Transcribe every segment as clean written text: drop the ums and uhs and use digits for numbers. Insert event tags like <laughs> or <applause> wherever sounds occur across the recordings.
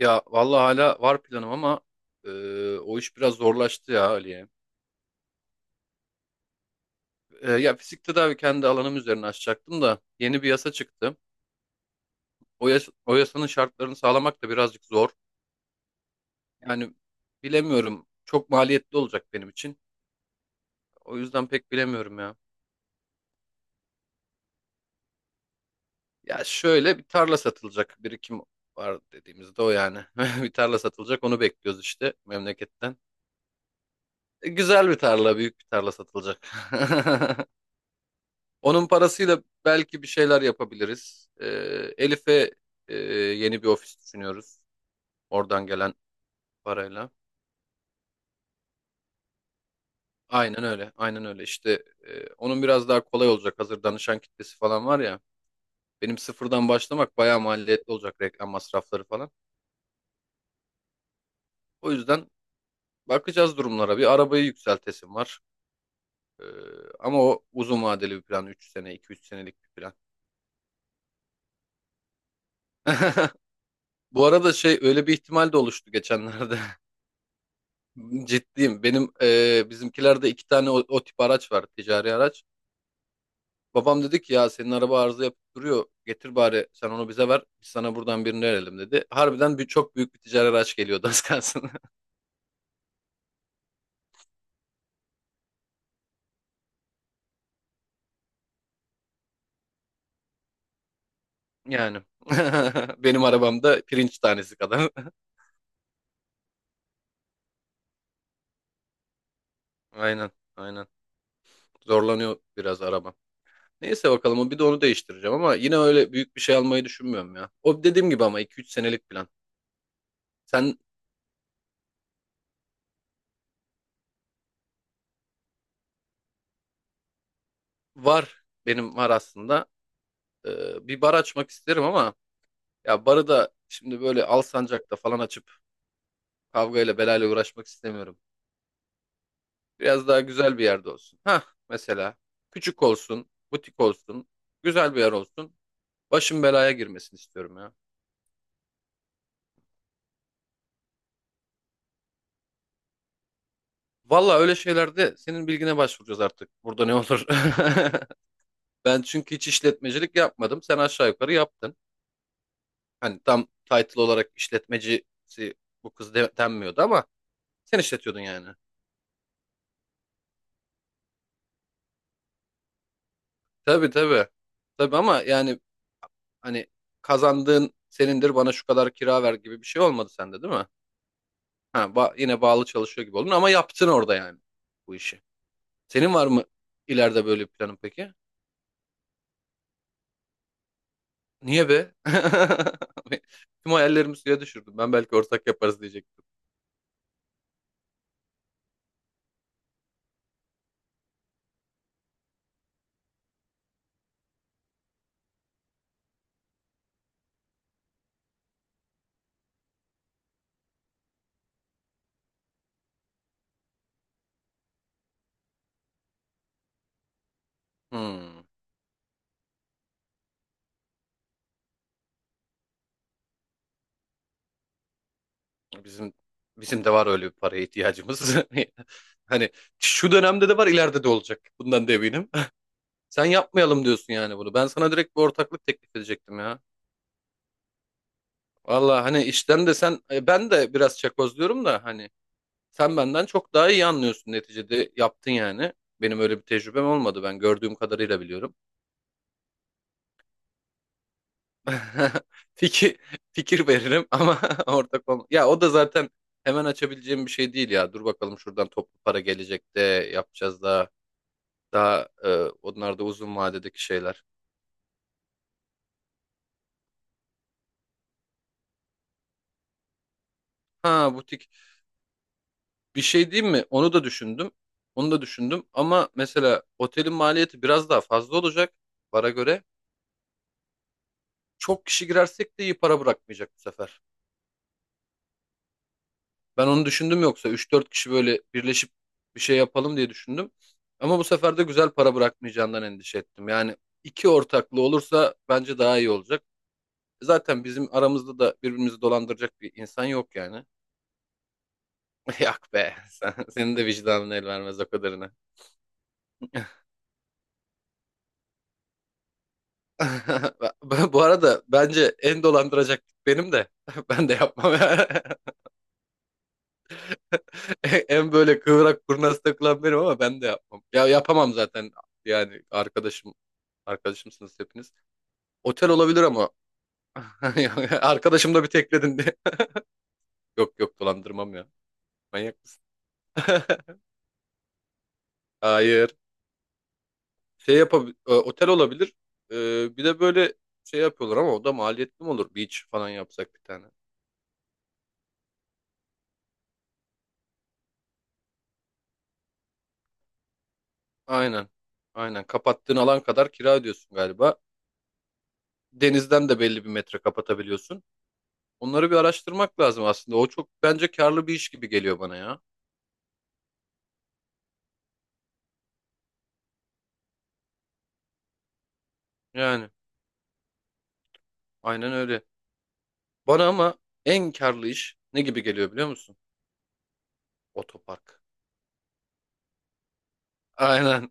Ya vallahi hala var planım ama e, o iş biraz zorlaştı ya Ali'ye. Ya fizik tedavi kendi alanım üzerine açacaktım da yeni bir yasa çıktı. O yasanın şartlarını sağlamak da birazcık zor. Yani bilemiyorum. Çok maliyetli olacak benim için. O yüzden pek bilemiyorum ya. Ya şöyle bir tarla satılacak. Birikim var dediğimizde o yani. <laughs> Bir tarla satılacak onu bekliyoruz işte memleketten. Güzel bir tarla, büyük bir tarla satılacak. <laughs> Onun parasıyla belki bir şeyler yapabiliriz. Elif'e yeni bir ofis düşünüyoruz. Oradan gelen parayla. Aynen öyle, aynen öyle. İşte onun biraz daha kolay olacak. Hazır danışan kitlesi falan var ya. Benim sıfırdan başlamak bayağı maliyetli olacak, reklam masrafları falan. O yüzden bakacağız durumlara. Bir arabayı yükseltesim var. Ee, ama o uzun vadeli bir plan. Üç sene, iki üç senelik bir plan. <laughs> Bu arada şey, öyle bir ihtimal de oluştu geçenlerde. <laughs> Ciddiyim. Benim bizimkilerde iki tane o tip araç var. Ticari araç. Babam dedi ki ya senin araba arıza yapıp duruyor. Getir bari sen onu bize ver. Biz sana buradan birini verelim dedi. Harbiden bir, çok büyük bir ticari araç geliyordu az kalsın. <laughs> Yani. <laughs> Benim arabamda pirinç tanesi kadar. <laughs> Aynen. Aynen. Zorlanıyor biraz araba. Neyse bakalım o bir de onu değiştireceğim ama yine öyle büyük bir şey almayı düşünmüyorum ya. O dediğim gibi, ama iki üç senelik plan. Sen var. Benim var aslında. Bir bar açmak isterim ama ya barı da şimdi böyle Alsancak'ta falan açıp kavgayla belayla uğraşmak istemiyorum. Biraz daha güzel bir yerde olsun. Hah mesela küçük olsun, butik olsun, güzel bir yer olsun. Başım belaya girmesin istiyorum ya. Valla öyle şeylerde senin bilgine başvuracağız artık. Burada ne olur? <laughs> Ben çünkü hiç işletmecilik yapmadım. Sen aşağı yukarı yaptın. Hani tam title olarak işletmecisi denmiyordu ama sen işletiyordun yani. Tabii tabii. Tabii ama yani, hani, kazandığın senindir bana şu kadar kira ver gibi bir şey olmadı sende değil mi? Yine bağlı çalışıyor gibi oldun ama yaptın orada yani bu işi. Senin var mı ileride böyle bir planın peki? Niye be? <laughs> Tüm hayallerimi suya düşürdüm. Ben belki ortak yaparız diyecektim. Hmm, bizim bizim de var öyle bir paraya ihtiyacımız. <laughs> Hani şu dönemde de var, ileride de olacak. Bundan da eminim. <laughs> Sen yapmayalım diyorsun yani bunu. Ben sana direkt bir ortaklık teklif edecektim ya. Valla hani işten de sen, ben de biraz çakozluyorum da hani sen benden çok daha iyi anlıyorsun neticede, yaptın yani. Benim öyle bir tecrübem olmadı, ben gördüğüm kadarıyla biliyorum. <laughs> Fikir fikir veririm ama <laughs> ortak olma. Ya o da zaten hemen açabileceğim bir şey değil ya. Dur bakalım şuradan toplu para gelecek de yapacağız daha. Daha onlar da uzun vadedeki şeyler. Ha, butik bir şey değil mi? Onu da düşündüm. Onu da düşündüm ama mesela otelin maliyeti biraz daha fazla olacak. Para göre. Çok kişi girersek de iyi para bırakmayacak bu sefer. Ben onu düşündüm, yoksa üç dört kişi böyle birleşip bir şey yapalım diye düşündüm. Ama bu sefer de güzel para bırakmayacağından endişe ettim. Yani iki ortaklı olursa bence daha iyi olacak. Zaten bizim aramızda da birbirimizi dolandıracak bir insan yok yani. <laughs> Yok be, senin de vicdanın el vermez o kadarına. <laughs> Bu arada bence en dolandıracak benim de. <laughs> Ben de yapmam. <laughs> <laughs> En böyle kıvrak kurnaz takılan benim ama ben de yapmam. Ya yapamam zaten, yani arkadaşımsınız hepiniz. Otel olabilir ama <laughs> yani arkadaşım, da bir tekledin de. <laughs> Yok yok dolandırmam ya. Manyak mısın? <laughs> Hayır. Şey yapabilir. Otel olabilir. Bir de böyle şey yapıyorlar ama o da maliyetli mi olur? Beach falan yapsak bir tane. Aynen. Aynen. Kapattığın alan kadar kira ödüyorsun galiba. Denizden de belli bir metre kapatabiliyorsun. Onları bir araştırmak lazım aslında. O çok bence karlı bir iş gibi geliyor bana ya. Yani aynen öyle. Bana ama en karlı iş ne gibi geliyor biliyor musun? Otopark. Aynen.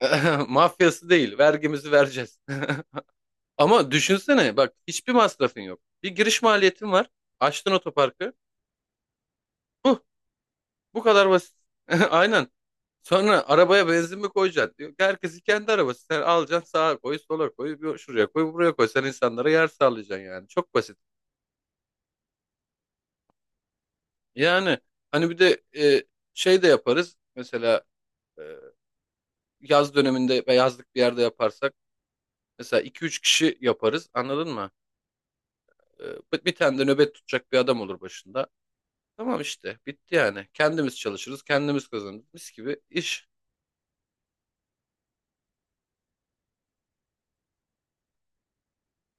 <laughs> Mafyası değil. Vergimizi vereceğiz. <laughs> Ama düşünsene bak, hiçbir masrafın yok. Bir giriş maliyetin var. Açtın otoparkı. Huh, bu kadar basit. <laughs> Aynen. Sonra arabaya benzin mi koyacaksın diyor. Herkesin kendi arabası. Sen alacaksın, sağa koy, sola koy, bir şuraya koy, buraya koy. Sen insanlara yer sağlayacaksın yani. Çok basit. Yani hani bir de şey de yaparız. Mesela e, yaz döneminde ve yazlık bir yerde yaparsak mesela iki üç kişi yaparız. Anladın mı? E, bir tane de nöbet tutacak bir adam olur başında. Tamam işte bitti yani. Kendimiz çalışırız, kendimiz kazanırız. Mis gibi iş.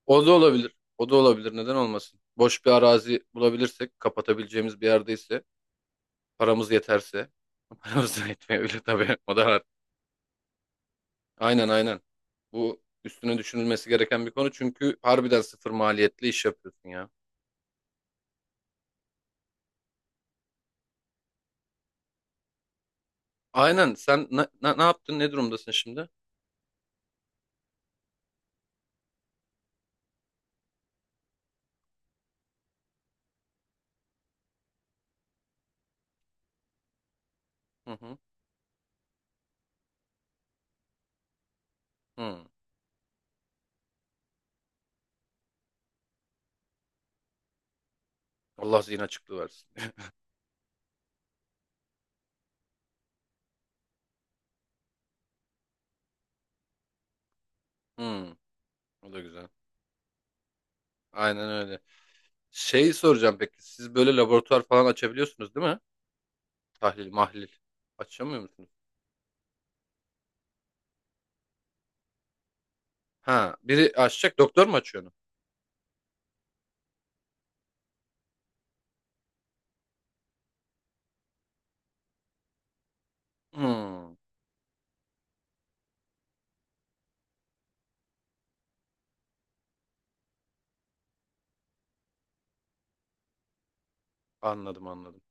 O da olabilir. O da olabilir. Neden olmasın? Boş bir arazi bulabilirsek, kapatabileceğimiz bir yerdeyse, paramız yeterse. <laughs> Paramız da yetmeyebilir tabii. O da var. Aynen aynen. Bu üstüne düşünülmesi gereken bir konu çünkü harbiden sıfır maliyetli iş yapıyorsun ya. Aynen, sen ne yaptın, ne durumdasın şimdi? Hı hı. Hı. Allah zihin açıklığı versin. Hı. O da güzel. Aynen öyle. Şey soracağım, peki siz böyle laboratuvar falan açabiliyorsunuz değil mi? Tahlil, mahlil. Açamıyor musunuz? Ha, biri açacak, doktor mu açıyor onu? Hı. Anladım anladım.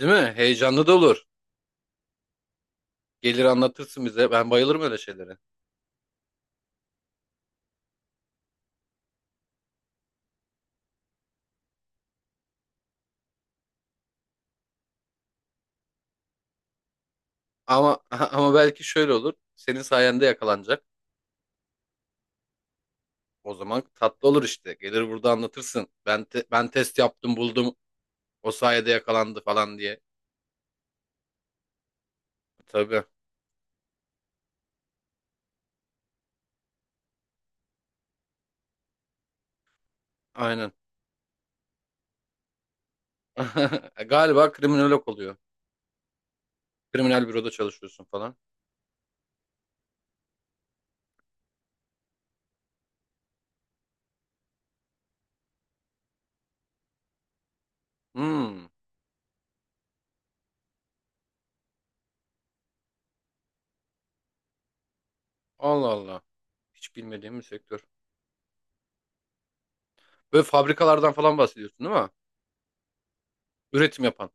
Değil mi? Heyecanlı da olur. Gelir anlatırsın bize. Ben bayılırım öyle şeylere. Ama <laughs> ama belki şöyle olur. Senin sayende yakalanacak. O zaman tatlı olur işte. Gelir burada anlatırsın. Ben test yaptım, buldum. O sayede yakalandı falan diye. Tabii. Aynen. <laughs> Galiba kriminolog oluyor. Kriminal büroda çalışıyorsun falan. Hmm. Allah Allah. Hiç bilmediğim bir sektör. Böyle fabrikalardan falan bahsediyorsun değil mi? Üretim yapan.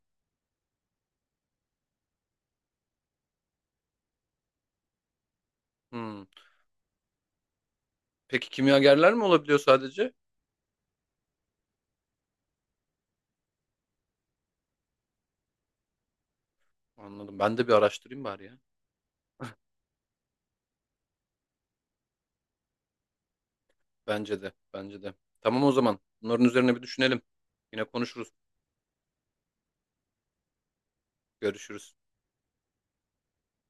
Hmm. Peki kimyagerler mi olabiliyor sadece? Anladım. Ben de bir araştırayım bari ya. Bence de. Bence de. Tamam o zaman. Bunların üzerine bir düşünelim. Yine konuşuruz. Görüşürüz.